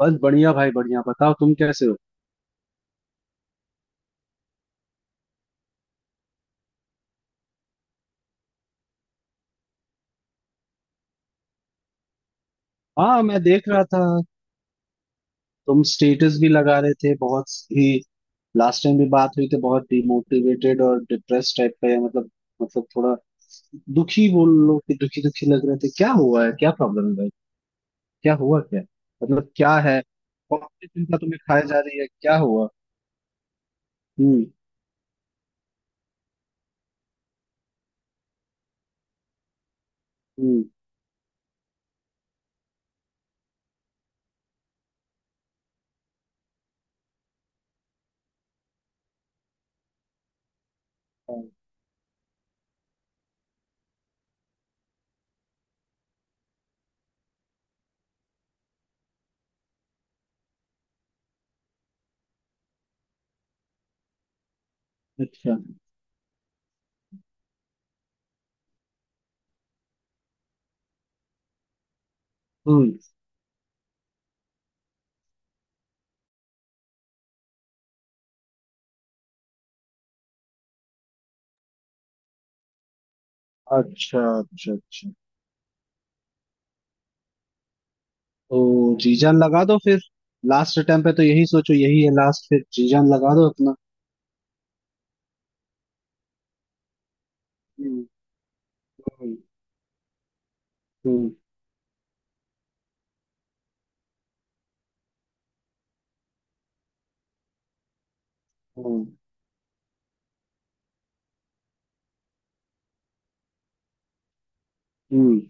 बस बढ़िया भाई, बढ़िया। बताओ, तुम कैसे हो। हाँ, मैं देख रहा था, तुम स्टेटस भी लगा रहे थे बहुत ही। लास्ट टाइम भी बात हुई थी, बहुत डिमोटिवेटेड और डिप्रेस टाइप का, या मतलब थोड़ा दुखी बोल लो कि दुखी दुखी लग रहे थे। क्या हुआ है, क्या प्रॉब्लम है भाई, क्या हुआ, क्या मतलब क्या है। कौन सी चिंता तुम्हें खाए जा रही है, क्या हुआ। हम्म। हम्म। अच्छा। हम्म। अच्छा अच्छा अच्छा। तो जीजान लगा दो फिर। लास्ट अटेम्प्ट पे तो यही सोचो, यही है लास्ट, फिर जीजान लगा दो अपना। हम्म। हम्म। हम्म। हम्म। हम्म।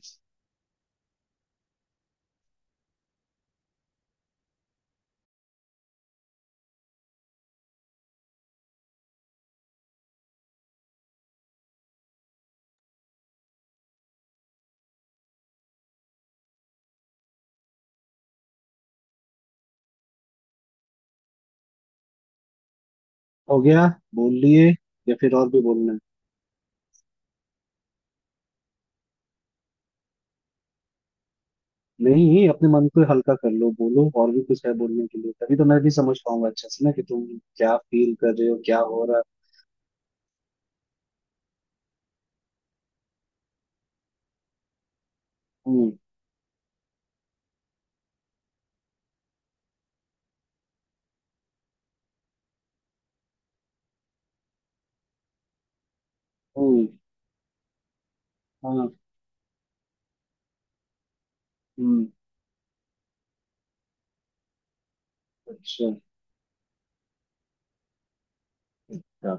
हो गया, बोल लिए, या फिर और भी बोलना है। नहीं, अपने मन को हल्का कर लो, बोलो, और भी कुछ है बोलने के लिए, तभी तो मैं भी समझ पाऊंगा अच्छे से ना कि तुम क्या फील कर रहे हो, क्या हो रहा है। हम्म। हम्म। हाँ। हम्म। अच्छा। अच्छा।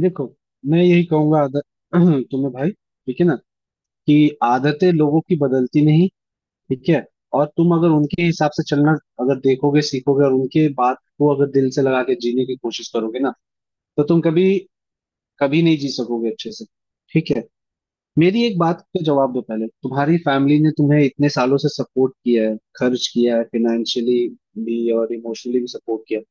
देखो, मैं यही कहूंगा आदत तुम्हें भाई, ठीक है ना, कि आदतें लोगों की बदलती नहीं, ठीक है। और तुम अगर उनके हिसाब से चलना, अगर देखोगे, सीखोगे, और उनके बात को अगर दिल से लगा के जीने की कोशिश करोगे ना, तो तुम कभी कभी नहीं जी सकोगे अच्छे से, ठीक है। मेरी एक बात का जवाब दो पहले। तुम्हारी फैमिली ने तुम्हें इतने सालों से सपोर्ट किया है, खर्च किया है फाइनेंशियली भी, और इमोशनली भी सपोर्ट किया है।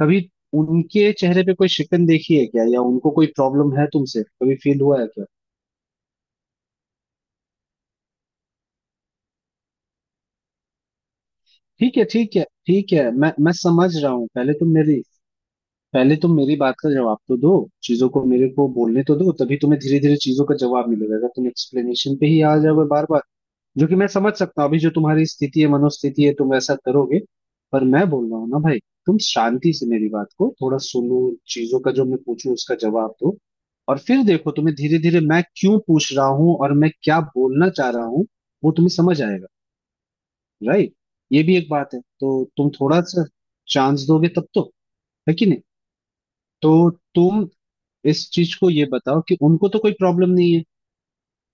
कभी उनके चेहरे पे कोई शिकन देखी है क्या, या उनको कोई प्रॉब्लम है तुमसे, कभी फील हुआ है क्या। ठीक है, ठीक है, ठीक है, मैं समझ रहा हूँ। पहले तुम मेरी बात का जवाब तो दो। चीजों को मेरे को बोलने तो दो, तभी तुम्हें धीरे धीरे चीजों का जवाब मिलेगा। अगर तुम एक्सप्लेनेशन पे ही आ जाओगे बार बार, जो कि मैं समझ सकता हूँ, अभी जो तुम्हारी स्थिति है, मनोस्थिति है, तुम ऐसा करोगे, पर मैं बोल रहा हूँ ना भाई, तुम शांति से मेरी बात को थोड़ा सुनो। चीजों का जो मैं पूछूं उसका जवाब दो, और फिर देखो, तुम्हें धीरे धीरे मैं क्यों पूछ रहा हूँ और मैं क्या बोलना चाह रहा हूँ, वो तुम्हें समझ आएगा। राइट, ये भी एक बात है, तो तुम थोड़ा सा चांस दोगे तब तो, है कि नहीं। तो तुम इस चीज को ये बताओ कि उनको तो कोई प्रॉब्लम नहीं है,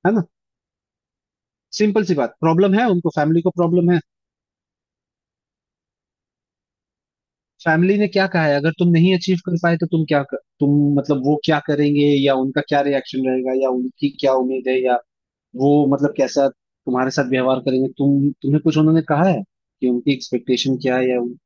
है ना। सिंपल सी बात, प्रॉब्लम है उनको, फैमिली को प्रॉब्लम है। फैमिली ने क्या कहा है अगर तुम नहीं अचीव कर पाए, तो तुम क्या कर, तुम मतलब वो क्या करेंगे, या उनका क्या रिएक्शन रहेगा, या उनकी क्या उम्मीद है, या वो मतलब कैसा तुम्हारे साथ व्यवहार करेंगे, तुम तुम्हें कुछ उन्होंने कहा है कि उनकी एक्सपेक्टेशन क्या है, या उन...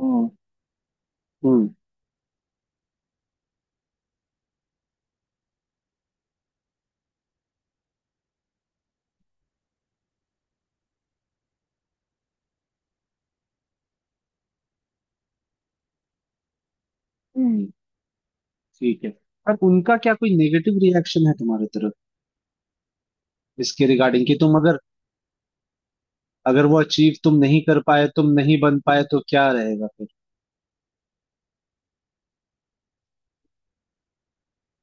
हम्म। हम्म। हम्म। ठीक है, पर उनका क्या कोई नेगेटिव रिएक्शन है तुम्हारे तरफ इसके रिगार्डिंग, कि तुम अगर, अगर वो अचीव तुम नहीं कर पाए, तुम नहीं बन पाए, तो क्या रहेगा फिर।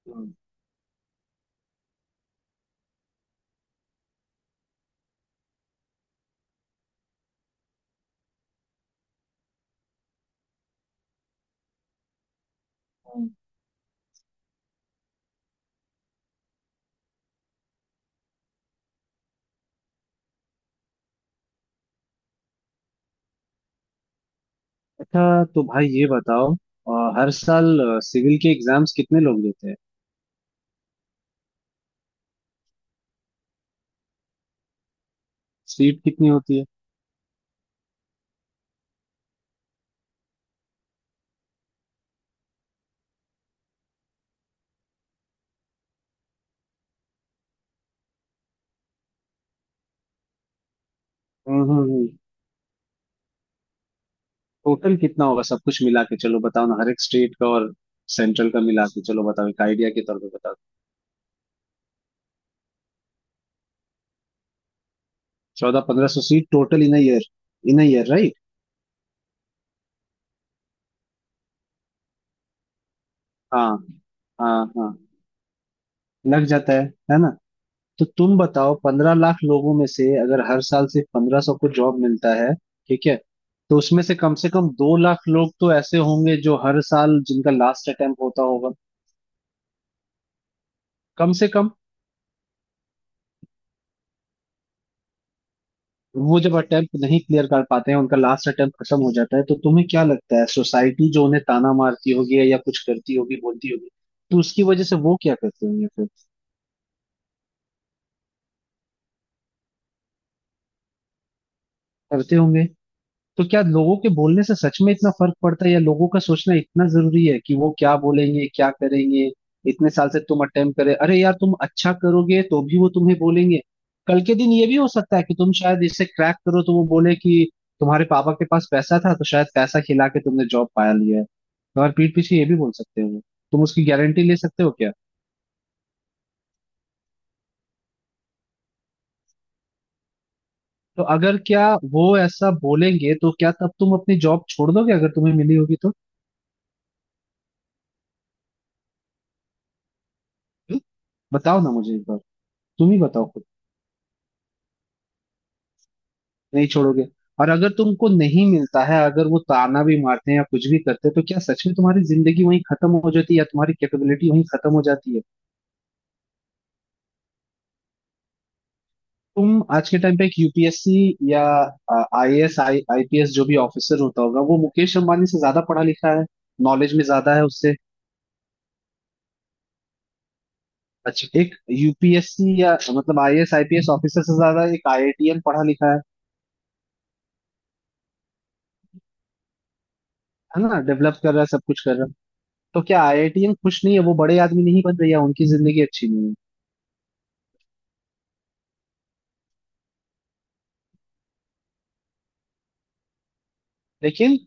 हम्म। अच्छा, तो भाई ये बताओ, हर साल सिविल के एग्जाम्स कितने लोग देते हैं। सीट कितनी होती है। हम्म। हम्म। हम्म। टोटल कितना होगा सब कुछ मिला के, चलो बताओ ना, हर एक स्टेट का और सेंट्रल का मिला के, चलो बताओ एक आइडिया के तौर पे बताओ। 1400-1500 seat total in year, in year, right. हाँ हाँ। हाँ, लग जाता है ना। तो तुम बताओ, 15 लाख लोगों में से अगर हर साल सिर्फ 1500 को जॉब मिलता है, ठीक है, तो उसमें से कम 2 लाख लोग तो ऐसे होंगे जो हर साल जिनका लास्ट अटेम्प्ट होता होगा, कम से कम। वो जब अटेम्प्ट नहीं क्लियर कर पाते हैं, उनका लास्ट अटेम्प्ट खत्म हो जाता है, तो तुम्हें क्या लगता है, सोसाइटी जो उन्हें ताना मारती होगी, या कुछ करती होगी, बोलती होगी, तो उसकी वजह से वो क्या करते होंगे फिर। करते होंगे। तो क्या लोगों के बोलने से सच में इतना फर्क पड़ता है, या लोगों का सोचना इतना जरूरी है कि वो क्या बोलेंगे क्या करेंगे। इतने साल से तुम अटेम्प्ट करे, अरे यार तुम अच्छा करोगे तो भी वो तुम्हें बोलेंगे। कल के दिन ये भी हो सकता है कि तुम शायद इसे क्रैक करो, तो वो बोले कि तुम्हारे पापा के पास पैसा था, तो शायद पैसा खिला के तुमने जॉब पाया लिया है। तुम्हारे पीठ पीछे ये भी बोल सकते हो वो। तुम उसकी गारंटी ले सकते हो क्या। तो अगर क्या, वो ऐसा बोलेंगे, तो क्या तब तुम अपनी जॉब छोड़ दोगे अगर तुम्हें मिली होगी तो, बताओ ना मुझे एक बार, तुम ही बताओ खुद। नहीं छोड़ोगे। और अगर तुमको नहीं मिलता है, अगर वो ताना भी मारते हैं या कुछ भी करते हैं, तो क्या सच में तुम्हारी जिंदगी वहीं खत्म हो जाती है, या तुम्हारी कैपेबिलिटी वहीं खत्म हो जाती है। तुम आज के टाइम पे एक यूपीएससी या आईएएस आईपीएस जो भी ऑफिसर होता होगा, वो मुकेश अंबानी से ज्यादा पढ़ा लिखा है, नॉलेज में ज्यादा है उससे। अच्छा, एक यूपीएससी या मतलब आईएएस आईपीएस ऑफिसर से ज्यादा एक आईआईटीएन पढ़ा लिखा है ना, डेवलप कर रहा है, सब कुछ कर रहा है। तो क्या आईआईटीएन खुश नहीं है, वो बड़े आदमी नहीं, बन रही है उनकी जिंदगी अच्छी नहीं है। लेकिन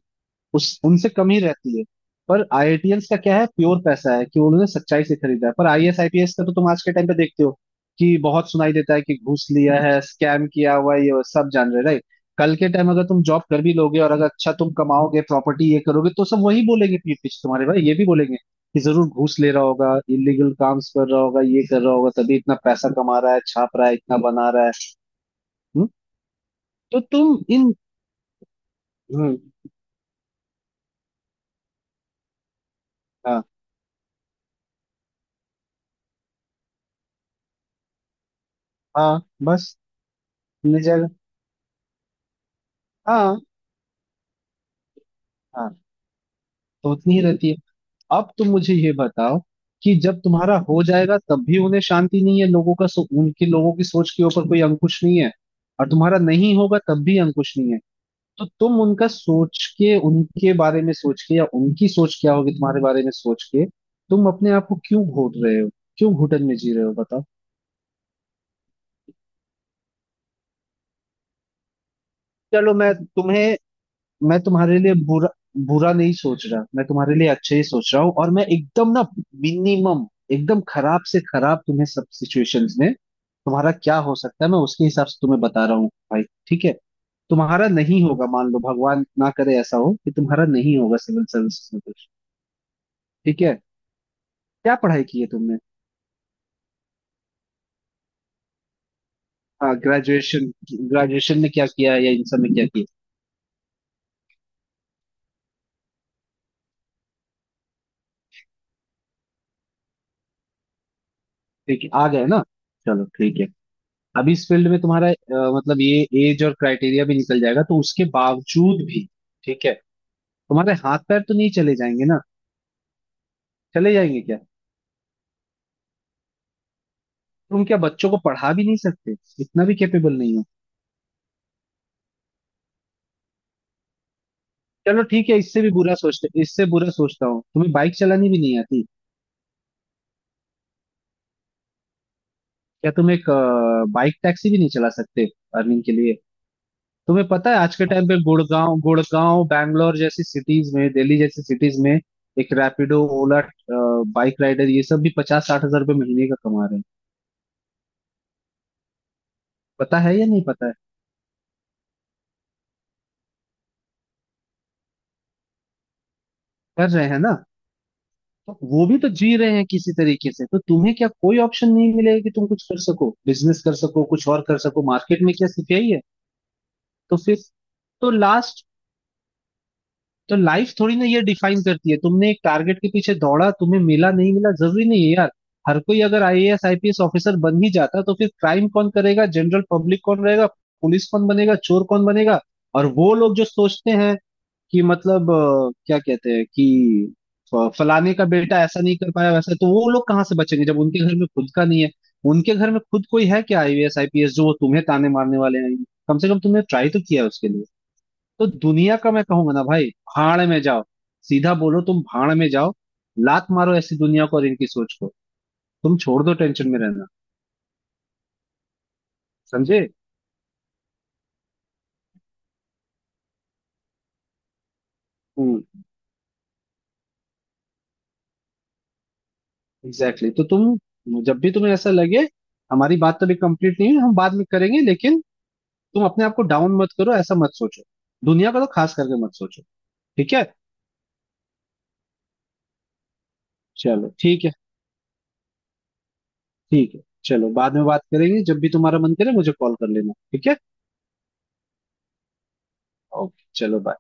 उस उनसे कम ही रहती है। पर आईआईटियंस का क्या है, प्योर पैसा है, कि उन्होंने सच्चाई से खरीदा है। पर आईएएस आईपीएस का तो तुम आज के टाइम पे देखते हो कि बहुत सुनाई देता है कि घूस लिया है, स्कैम किया हुआ है, ये वो सब जान रहे, राइट। कल के टाइम अगर तुम जॉब कर भी लोगे, और अगर अच्छा तुम कमाओगे, प्रॉपर्टी ये करोगे, तो सब वही बोलेंगे पीठ पीछे तुम्हारे, भाई ये भी बोलेंगे कि जरूर घूस ले रहा होगा, इलीगल काम्स कर रहा होगा, ये कर रहा होगा तभी इतना पैसा कमा रहा है, छाप रहा है, इतना बना रहा है। हम्म? तो तुम इन हम्म, हाँ, हाँ, बस मिल जाएगा। हाँ हाँ। तो उतनी ही रहती है। अब तुम मुझे ये बताओ कि जब तुम्हारा हो जाएगा, तब भी उन्हें शांति नहीं है, लोगों उनके लोगों की सोच के ऊपर कोई अंकुश नहीं है, और तुम्हारा नहीं होगा तब भी अंकुश नहीं है। तो तुम उनका सोच के, उनके बारे में सोच के, या उनकी सोच क्या होगी तुम्हारे बारे में सोच के, तुम अपने आप को क्यों घोट रहे हो, क्यों घुटन में जी रहे हो, बताओ। चलो मैं तुम्हें मैं तुम्हारे लिए बुरा बुरा नहीं सोच रहा, मैं तुम्हारे लिए अच्छे ही सोच रहा हूँ। और मैं एकदम ना, मिनिमम, एकदम खराब से खराब, तुम्हें सब सिचुएशंस में तुम्हारा क्या हो सकता है, मैं उसके हिसाब से तुम्हें बता रहा हूँ भाई, ठीक है। तुम्हारा नहीं होगा, मान लो भगवान ना करे ऐसा हो कि तुम्हारा नहीं होगा सिविल सर्विस में कुछ, ठीक है। क्या पढ़ाई की है तुमने। हाँ, ग्रेजुएशन, ग्रेजुएशन में क्या किया है, या इन सब में क्या किया। ठीक है, आ गए ना, चलो ठीक है। अब इस फील्ड में तुम्हारा मतलब ये एज और क्राइटेरिया भी निकल जाएगा, तो उसके बावजूद भी, ठीक है, तुम्हारे हाथ पैर तो नहीं चले जाएंगे ना, चले जाएंगे क्या। तुम क्या बच्चों को पढ़ा भी नहीं सकते, इतना भी कैपेबल नहीं हो। चलो ठीक है, इससे भी बुरा सोचते, इससे बुरा सोचता हूँ, तुम्हें बाइक चलानी भी नहीं आती। क्या तुम एक बाइक टैक्सी भी नहीं चला सकते अर्निंग के लिए। तुम्हें पता है आज के टाइम पे गुड़गांव, गुड़गांव, बैंगलोर जैसी सिटीज में, दिल्ली जैसी सिटीज में एक रैपिडो, ओला बाइक राइडर, ये सब भी 50-60 हजार रुपये महीने का कमा रहे हैं, पता है या नहीं पता है। कर रहे हैं ना। तो वो भी तो जी रहे हैं किसी तरीके से। तो तुम्हें क्या कोई ऑप्शन नहीं मिलेगा कि तुम कुछ कर सको, बिजनेस कर सको, कुछ और कर सको, मार्केट में क्या सिर्फ यही है। तो फिर तो लास्ट तो लाइफ थोड़ी ना ये डिफाइन करती है। तुमने एक टारगेट के पीछे दौड़ा, तुम्हें मिला, नहीं मिला, जरूरी नहीं है यार। हर कोई अगर आईएएस आईपीएस ऑफिसर बन ही जाता, तो फिर क्राइम कौन करेगा, जनरल पब्लिक कौन रहेगा, पुलिस कौन बनेगा, चोर कौन बनेगा। और वो लोग जो सोचते हैं कि मतलब क्या कहते हैं कि फलाने का बेटा ऐसा नहीं कर पाया वैसा, तो वो लोग कहाँ से बचेंगे जब उनके घर में खुद का नहीं है। उनके घर में खुद कोई है क्या आईएएस आईपीएस, जो तुम्हें ताने मारने वाले हैं। कम से कम तुमने ट्राई तो किया है उसके लिए। तो दुनिया का मैं कहूंगा ना भाई, भाड़ में जाओ। सीधा बोलो तुम, भाड़ में जाओ। लात मारो ऐसी दुनिया को और इनकी सोच को। तुम छोड़ दो टेंशन में रहना, समझे। हम्म। एग्जैक्टली, तो तुम जब भी तुम्हें ऐसा लगे, हमारी बात तो अभी कंप्लीट नहीं है, हम बाद में करेंगे, लेकिन तुम अपने आप को डाउन मत करो, ऐसा मत सोचो, दुनिया का तो खास करके मत सोचो, ठीक है। चलो ठीक है, ठीक है, चलो बाद में बात करेंगे, जब भी तुम्हारा मन करे मुझे कॉल कर लेना, ठीक है। ओके, चलो बाय।